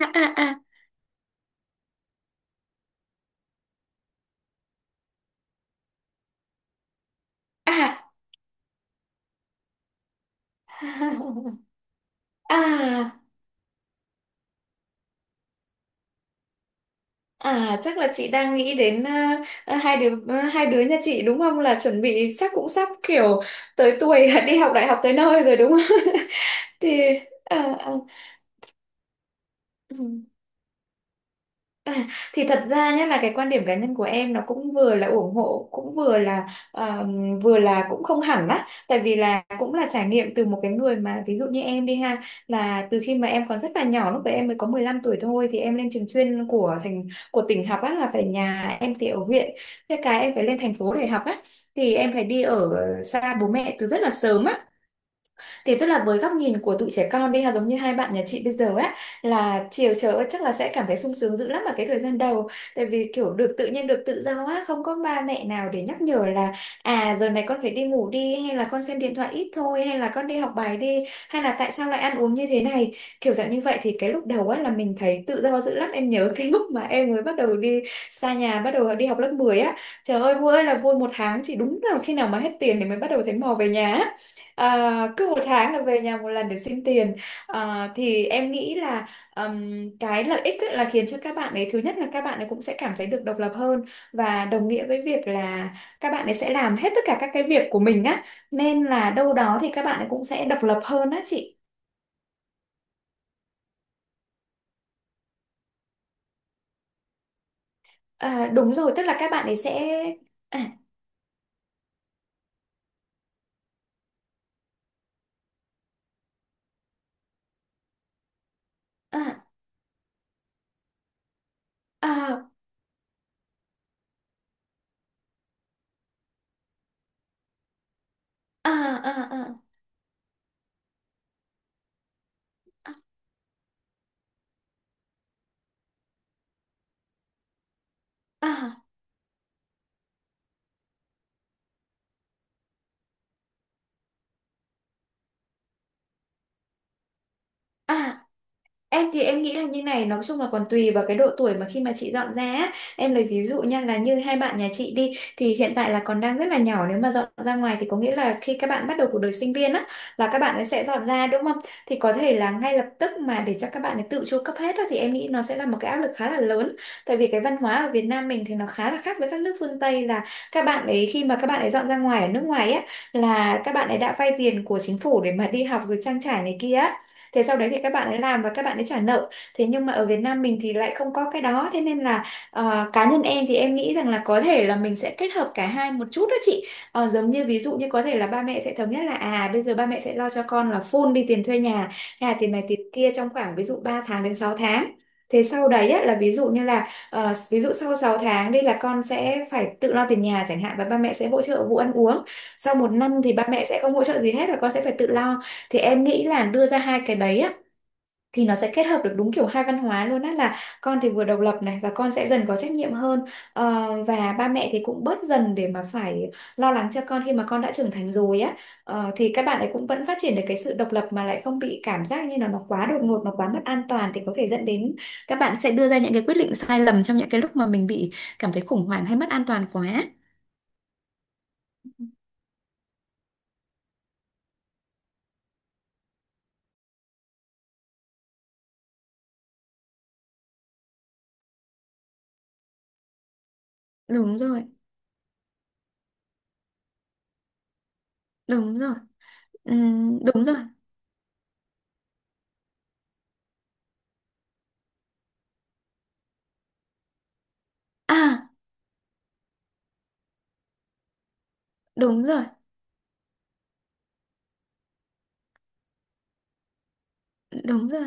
À, à, à, à, à, chắc là chị đang nghĩ đến, hai đứa nhà chị, đúng không, là chuẩn bị chắc cũng sắp kiểu tới tuổi đi học đại học tới nơi rồi, đúng không? thì à, à. Thì thật ra nhé, là cái quan điểm cá nhân của em nó cũng vừa là ủng hộ, cũng ờ, vừa là cũng không hẳn á, tại vì là cũng là trải nghiệm từ một cái người, mà ví dụ như em đi ha, là từ khi mà em còn rất là nhỏ, lúc đấy em mới có 15 tuổi thôi, thì em lên trường chuyên của của tỉnh học á, là phải, nhà em thì ở huyện, thế cái em phải lên thành phố để học á, thì em phải đi ở xa bố mẹ từ rất là sớm á. Thì tức là với góc nhìn của tụi trẻ con đi ha, giống như hai bạn nhà chị bây giờ á, là chiều chờ chắc là sẽ cảm thấy sung sướng dữ lắm vào cái thời gian đầu, tại vì kiểu được tự nhiên, được tự do á, không có ba mẹ nào để nhắc nhở là à giờ này con phải đi ngủ đi, hay là con xem điện thoại ít thôi, hay là con đi học bài đi, hay là tại sao lại ăn uống như thế này, kiểu dạng như vậy. Thì cái lúc đầu á là mình thấy tự do dữ lắm. Em nhớ cái lúc mà em mới bắt đầu đi xa nhà, bắt đầu đi học lớp 10 á, trời ơi vui ơi là vui, một tháng chỉ đúng là khi nào mà hết tiền thì mới bắt đầu thấy mò về nhà á. À, cứ một tháng là về nhà một lần để xin tiền. À, thì em nghĩ là cái lợi ích ấy là khiến cho các bạn ấy, thứ nhất là các bạn ấy cũng sẽ cảm thấy được độc lập hơn, và đồng nghĩa với việc là các bạn ấy sẽ làm hết tất cả các cái việc của mình á, nên là đâu đó thì các bạn ấy cũng sẽ độc lập hơn á chị. À, đúng rồi, tức là các bạn ấy sẽ, à, à, à, à, à, à, à, à. À. Em thì em nghĩ là như này, nói chung là còn tùy vào cái độ tuổi mà khi mà chị dọn ra á. Em lấy ví dụ nha, là như hai bạn nhà chị đi, thì hiện tại là còn đang rất là nhỏ, nếu mà dọn ra ngoài thì có nghĩa là khi các bạn bắt đầu cuộc đời sinh viên á, là các bạn ấy sẽ dọn ra, đúng không? Thì có thể là ngay lập tức mà để cho các bạn ấy tự chu cấp hết á, thì em nghĩ nó sẽ là một cái áp lực khá là lớn. Tại vì cái văn hóa ở Việt Nam mình thì nó khá là khác với các nước phương Tây, là các bạn ấy khi mà các bạn ấy dọn ra ngoài ở nước ngoài á, là các bạn ấy đã vay tiền của chính phủ để mà đi học rồi trang trải này kia, thế sau đấy thì các bạn ấy làm và các bạn ấy trả nợ. Thế nhưng mà ở Việt Nam mình thì lại không có cái đó, thế nên là cá nhân em thì em nghĩ rằng là có thể là mình sẽ kết hợp cả hai một chút đó chị. Ờ, giống như ví dụ như có thể là ba mẹ sẽ thống nhất là à, bây giờ ba mẹ sẽ lo cho con là full đi, tiền thuê nhà hay là tiền này tiền kia trong khoảng ví dụ 3 tháng đến 6 tháng. Thế sau đấy á, là ví dụ như là ví dụ sau 6 tháng đây là con sẽ phải tự lo tiền nhà chẳng hạn, và ba mẹ sẽ hỗ trợ vụ ăn uống. Sau một năm thì ba mẹ sẽ không hỗ trợ gì hết và con sẽ phải tự lo. Thì em nghĩ là đưa ra hai cái đấy á, thì nó sẽ kết hợp được đúng kiểu hai văn hóa luôn á, là con thì vừa độc lập này, và con sẽ dần có trách nhiệm hơn. Ờ, và ba mẹ thì cũng bớt dần để mà phải lo lắng cho con khi mà con đã trưởng thành rồi á. Thì các bạn ấy cũng vẫn phát triển được cái sự độc lập, mà lại không bị cảm giác như là nó quá đột ngột, nó quá mất an toàn, thì có thể dẫn đến các bạn sẽ đưa ra những cái quyết định sai lầm trong những cái lúc mà mình bị cảm thấy khủng hoảng hay mất an toàn quá. Đúng rồi, đúng rồi. Đúng rồi. À, đúng rồi, đúng rồi.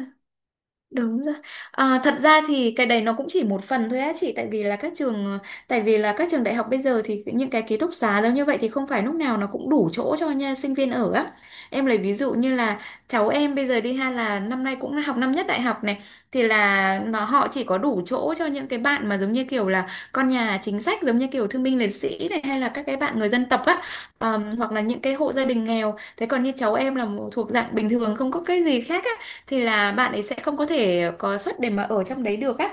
Đúng rồi. À, thật ra thì cái đấy nó cũng chỉ một phần thôi á chị, tại vì là các trường đại học bây giờ thì những cái ký túc xá giống như vậy thì không phải lúc nào nó cũng đủ chỗ cho nha, sinh viên ở á. Em lấy ví dụ như là cháu em bây giờ đi ha là năm nay cũng học năm nhất đại học này, thì là họ chỉ có đủ chỗ cho những cái bạn mà giống như kiểu là con nhà chính sách, giống như kiểu thương binh liệt sĩ này, hay là các cái bạn người dân tộc á. Ờ, hoặc là những cái hộ gia đình nghèo. Thế còn như cháu em là một- thuộc dạng bình thường, không có cái gì khác á, thì là bạn ấy sẽ không có thể có suất để mà ở trong đấy được á,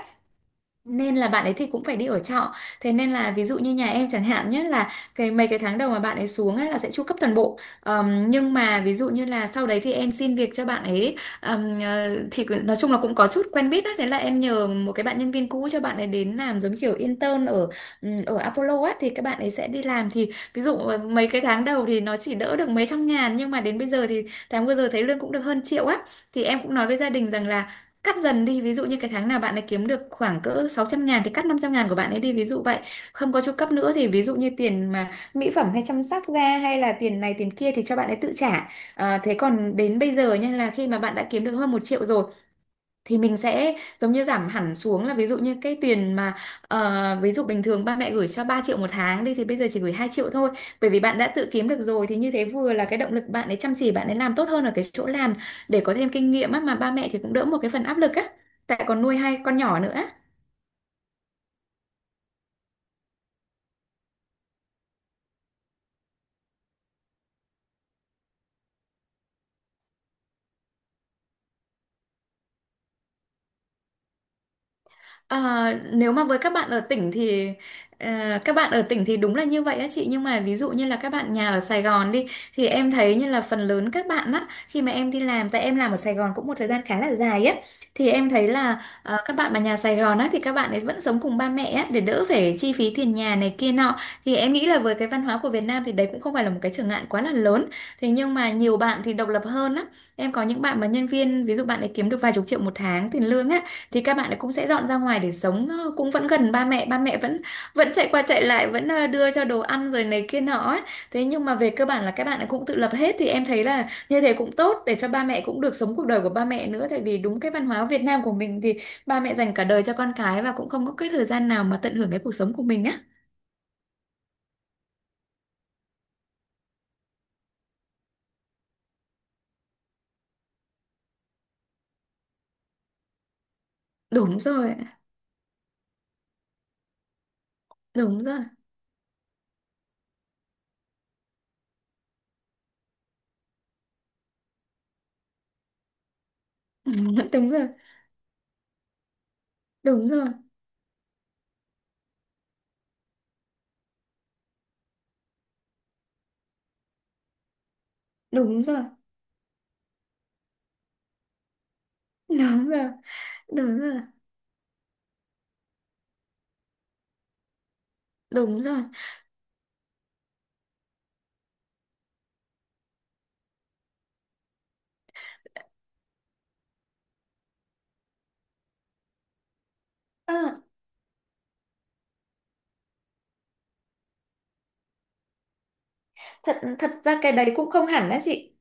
nên là bạn ấy thì cũng phải đi ở trọ. Thế nên là ví dụ như nhà em chẳng hạn nhé, là cái mấy cái tháng đầu mà bạn ấy xuống ấy là sẽ chu cấp toàn bộ. Nhưng mà ví dụ như là sau đấy thì em xin việc cho bạn ấy. Ờ, thì cứ- nói chung là cũng có chút quen biết á, thế là em nhờ một cái bạn nhân viên cũ cho bạn ấy đến làm giống kiểu intern ở ở Apollo á, thì các bạn ấy sẽ đi làm. Thì ví dụ mấy cái tháng đầu thì nó chỉ đỡ được mấy trăm ngàn, nhưng mà đến bây giờ thì tháng vừa rồi thấy lương cũng được hơn triệu á. Thì em cũng nói với gia đình rằng là cắt dần đi, ví dụ như cái tháng nào bạn ấy kiếm được khoảng cỡ 600.000 thì cắt 500.000 của bạn ấy đi, ví dụ vậy, không có chu cấp nữa. Thì ví dụ như tiền mà mỹ phẩm hay chăm sóc da, hay là tiền này tiền kia thì cho bạn ấy tự trả. À, thế còn đến bây giờ nha là khi mà bạn đã kiếm được hơn 1 triệu rồi, thì mình sẽ giống như giảm hẳn xuống, là ví dụ như cái tiền mà ví dụ bình thường ba mẹ gửi cho 3 triệu một tháng đi thì bây giờ chỉ gửi 2 triệu thôi, bởi vì bạn đã tự kiếm được rồi, thì như thế vừa là cái động lực bạn ấy chăm chỉ, bạn ấy làm tốt hơn ở cái chỗ làm để có thêm kinh nghiệm á, mà ba mẹ thì cũng đỡ một cái phần áp lực á, tại còn nuôi hai con nhỏ nữa. À, nếu mà với các bạn ở tỉnh thì các bạn ở tỉnh thì đúng là như vậy á chị. Nhưng mà ví dụ như là các bạn nhà ở Sài Gòn đi, thì em thấy như là phần lớn các bạn á, khi mà em đi làm, tại em làm ở Sài Gòn cũng một thời gian khá là dài á, thì em thấy là các bạn mà nhà Sài Gòn á thì các bạn ấy vẫn sống cùng ba mẹ á để đỡ phải chi phí tiền nhà này kia nọ, thì em nghĩ là với cái văn hóa của Việt Nam thì đấy cũng không phải là một cái trở ngại quá là lớn. Thế nhưng mà nhiều bạn thì độc lập hơn á, em có những bạn mà nhân viên ví dụ bạn ấy kiếm được vài chục triệu một tháng tiền lương á, thì các bạn ấy cũng sẽ dọn ra ngoài để sống, cũng vẫn gần ba mẹ. Ba mẹ vẫn vẫn chạy qua chạy lại, vẫn đưa cho đồ ăn rồi này kia nọ ấy. Thế nhưng mà về cơ bản là các bạn ấy cũng tự lập hết thì em thấy là như thế cũng tốt để cho ba mẹ cũng được sống cuộc đời của ba mẹ nữa tại vì đúng cái văn hóa Việt Nam của mình thì ba mẹ dành cả đời cho con cái và cũng không có cái thời gian nào mà tận hưởng cái cuộc sống của mình á. Đúng rồi, đúng rồi. Đúng rồi, đúng rồi, đúng rồi, đúng rồi, đúng rồi, đúng rồi. À, thật thật ra cái đấy cũng không hẳn á chị.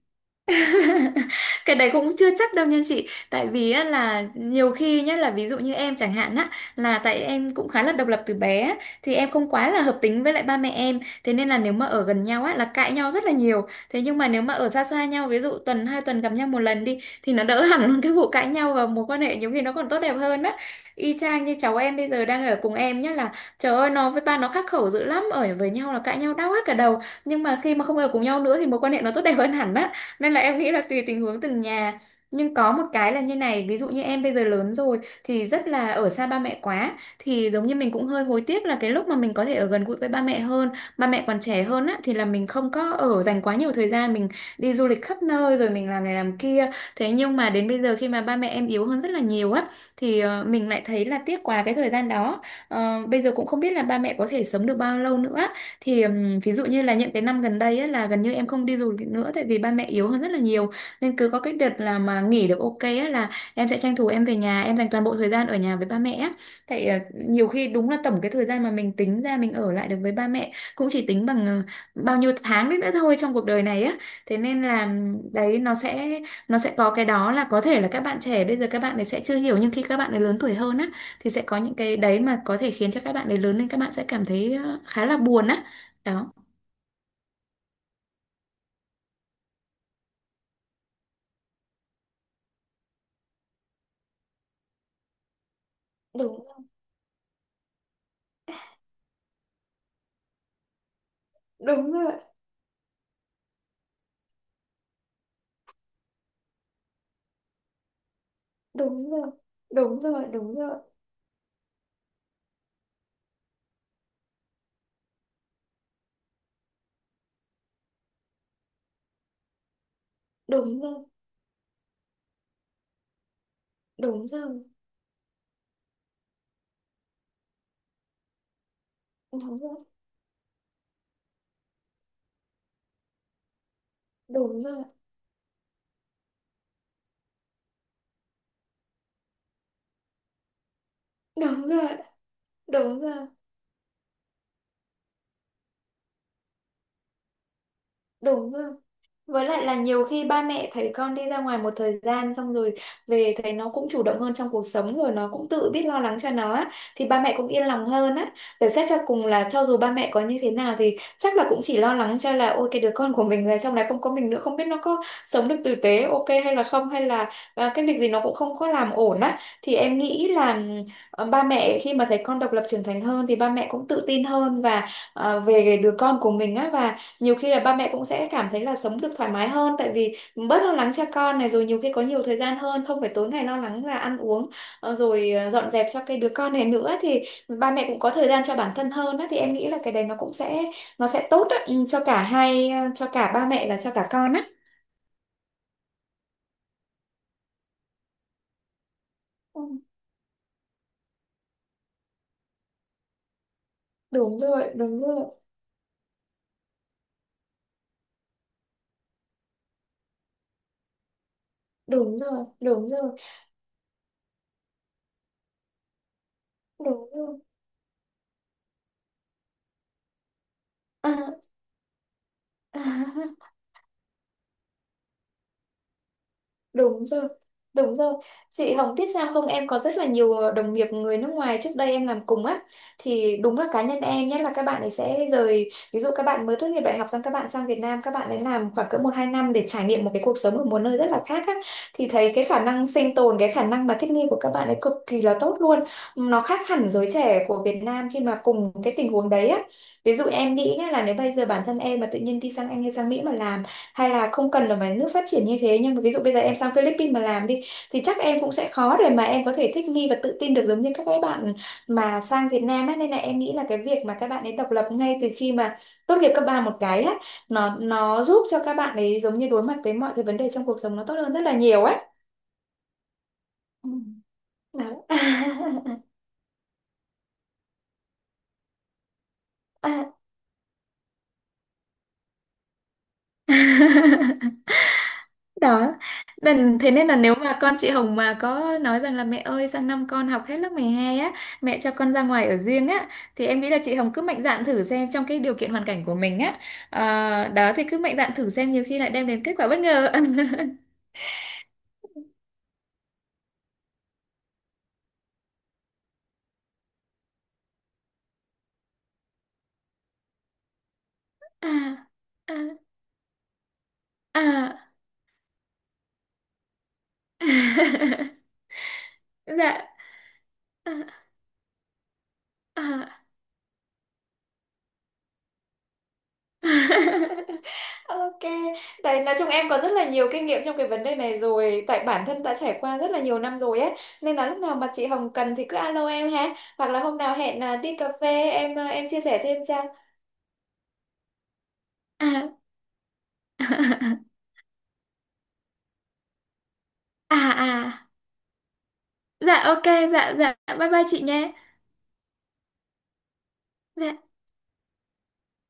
Cái đấy cũng chưa chắc đâu nha chị, tại vì á, là nhiều khi nhá, là ví dụ như em chẳng hạn á, là tại em cũng khá là độc lập từ bé á, thì em không quá là hợp tính với lại ba mẹ em, thế nên là nếu mà ở gần nhau á là cãi nhau rất là nhiều. Thế nhưng mà nếu mà ở xa xa nhau, ví dụ tuần hai tuần gặp nhau một lần đi thì nó đỡ hẳn luôn cái vụ cãi nhau, và mối quan hệ nhiều khi nó còn tốt đẹp hơn á. Y chang như cháu em bây giờ đang ở cùng em nhá, là trời ơi, nó với ba nó khắc khẩu dữ lắm, ở với nhau là cãi nhau đau hết cả đầu, nhưng mà khi mà không ở cùng nhau nữa thì mối quan hệ nó tốt đẹp hơn hẳn á. Nên là em nghĩ là tùy tình huống từng nhà. Nhưng có một cái là như này, ví dụ như em bây giờ lớn rồi thì rất là ở xa ba mẹ quá, thì giống như mình cũng hơi hối tiếc là cái lúc mà mình có thể ở gần gũi với ba mẹ hơn, ba mẹ còn trẻ hơn á, thì là mình không có ở, dành quá nhiều thời gian mình đi du lịch khắp nơi rồi mình làm này làm kia. Thế nhưng mà đến bây giờ khi mà ba mẹ em yếu hơn rất là nhiều á thì mình lại thấy là tiếc quá cái thời gian đó. Bây giờ cũng không biết là ba mẹ có thể sống được bao lâu nữa, thì ví dụ như là những cái năm gần đây á, là gần như em không đi du lịch nữa tại vì ba mẹ yếu hơn rất là nhiều. Nên cứ có cái đợt là mà nghỉ được ok á, là em sẽ tranh thủ em về nhà em dành toàn bộ thời gian ở nhà với ba mẹ á. Tại nhiều khi đúng là tổng cái thời gian mà mình tính ra mình ở lại được với ba mẹ cũng chỉ tính bằng bao nhiêu tháng đấy nữa thôi trong cuộc đời này á. Thế nên là đấy nó sẽ có cái đó, là có thể là các bạn trẻ bây giờ các bạn ấy sẽ chưa hiểu, nhưng khi các bạn ấy lớn tuổi hơn á thì sẽ có những cái đấy mà có thể khiến cho các bạn ấy lớn lên các bạn sẽ cảm thấy khá là buồn á. Đó. Đúng Đúng rồi, đúng rồi, đúng rồi, đúng rồi, đúng rồi, đúng rồi, đúng rồi, đúng rồi, đúng rồi, đúng rồi, đúng rồi, đúng rồi. Với lại là nhiều khi ba mẹ thấy con đi ra ngoài một thời gian xong rồi về, thấy nó cũng chủ động hơn trong cuộc sống rồi, nó cũng tự biết lo lắng cho nó á, thì ba mẹ cũng yên lòng hơn á. Để xét cho cùng là cho dù ba mẹ có như thế nào thì chắc là cũng chỉ lo lắng cho là ôi cái đứa con của mình rồi xong này không có mình nữa không biết nó có sống được tử tế ok hay là không, hay là cái việc gì nó cũng không có làm ổn á, thì em nghĩ là ba mẹ khi mà thấy con độc lập trưởng thành hơn thì ba mẹ cũng tự tin hơn và về đứa con của mình á, và nhiều khi là ba mẹ cũng sẽ cảm thấy là sống được thoải mái hơn, tại vì bớt lo lắng cho con này rồi, nhiều khi có nhiều thời gian hơn, không phải tối ngày lo lắng là ăn uống, rồi dọn dẹp cho cái đứa con này nữa, thì ba mẹ cũng có thời gian cho bản thân hơn á, thì em nghĩ là cái đấy nó sẽ tốt á, ừ, cho cả hai, cho cả ba mẹ và cho cả con á. Ừ, đúng rồi, đúng rồi, đúng rồi, đúng rồi, đúng rồi. À. Đúng rồi, đúng rồi. Chị Hồng biết sao không, em có rất là nhiều đồng nghiệp người nước ngoài trước đây em làm cùng á. Thì đúng là cá nhân em nhất là các bạn ấy ví dụ các bạn mới tốt nghiệp đại học xong các bạn sang Việt Nam, các bạn ấy làm khoảng cỡ một hai năm để trải nghiệm một cái cuộc sống ở một nơi rất là khác á. Thì thấy cái khả năng sinh tồn, cái khả năng mà thích nghi của các bạn ấy cực kỳ là tốt luôn. Nó khác hẳn giới trẻ của Việt Nam khi mà cùng cái tình huống đấy á. Ví dụ em nghĩ nhá, là nếu bây giờ bản thân em mà tự nhiên đi sang Anh hay sang Mỹ mà làm, hay là không cần là phải nước phát triển như thế, nhưng mà ví dụ bây giờ em sang Philippines mà làm đi, thì chắc em cũng sẽ khó để mà em có thể thích nghi và tự tin được giống như các cái bạn mà sang Việt Nam ấy. Nên là em nghĩ là cái việc mà các bạn ấy độc lập ngay từ khi mà tốt nghiệp cấp ba một cái á, nó giúp cho các bạn ấy giống như đối mặt với mọi cái vấn đề trong cuộc sống nó tốt hơn rất là nhiều ấy. Ừ. Đó. À. Đó, nên thế nên là nếu mà con chị Hồng mà có nói rằng là mẹ ơi sang năm con học hết lớp 12 á, mẹ cho con ra ngoài ở riêng á, thì em nghĩ là chị Hồng cứ mạnh dạn thử xem, trong cái điều kiện hoàn cảnh của mình á. Đó thì cứ mạnh dạn thử xem, nhiều khi lại đem đến kết quả bất ngờ. À, à, à. Dạ. À, à. Ok, tại nói chung em có rất là nhiều kinh nghiệm trong cái vấn đề này rồi, tại bản thân đã trải qua rất là nhiều năm rồi ấy, nên là lúc nào mà chị Hồng cần thì cứ alo em ha, hoặc là hôm nào hẹn à, đi cà phê em à, em chia sẻ thêm cho. À, à, à, dạ ok, dạ dạ, bye bye chị nhé. Dạ.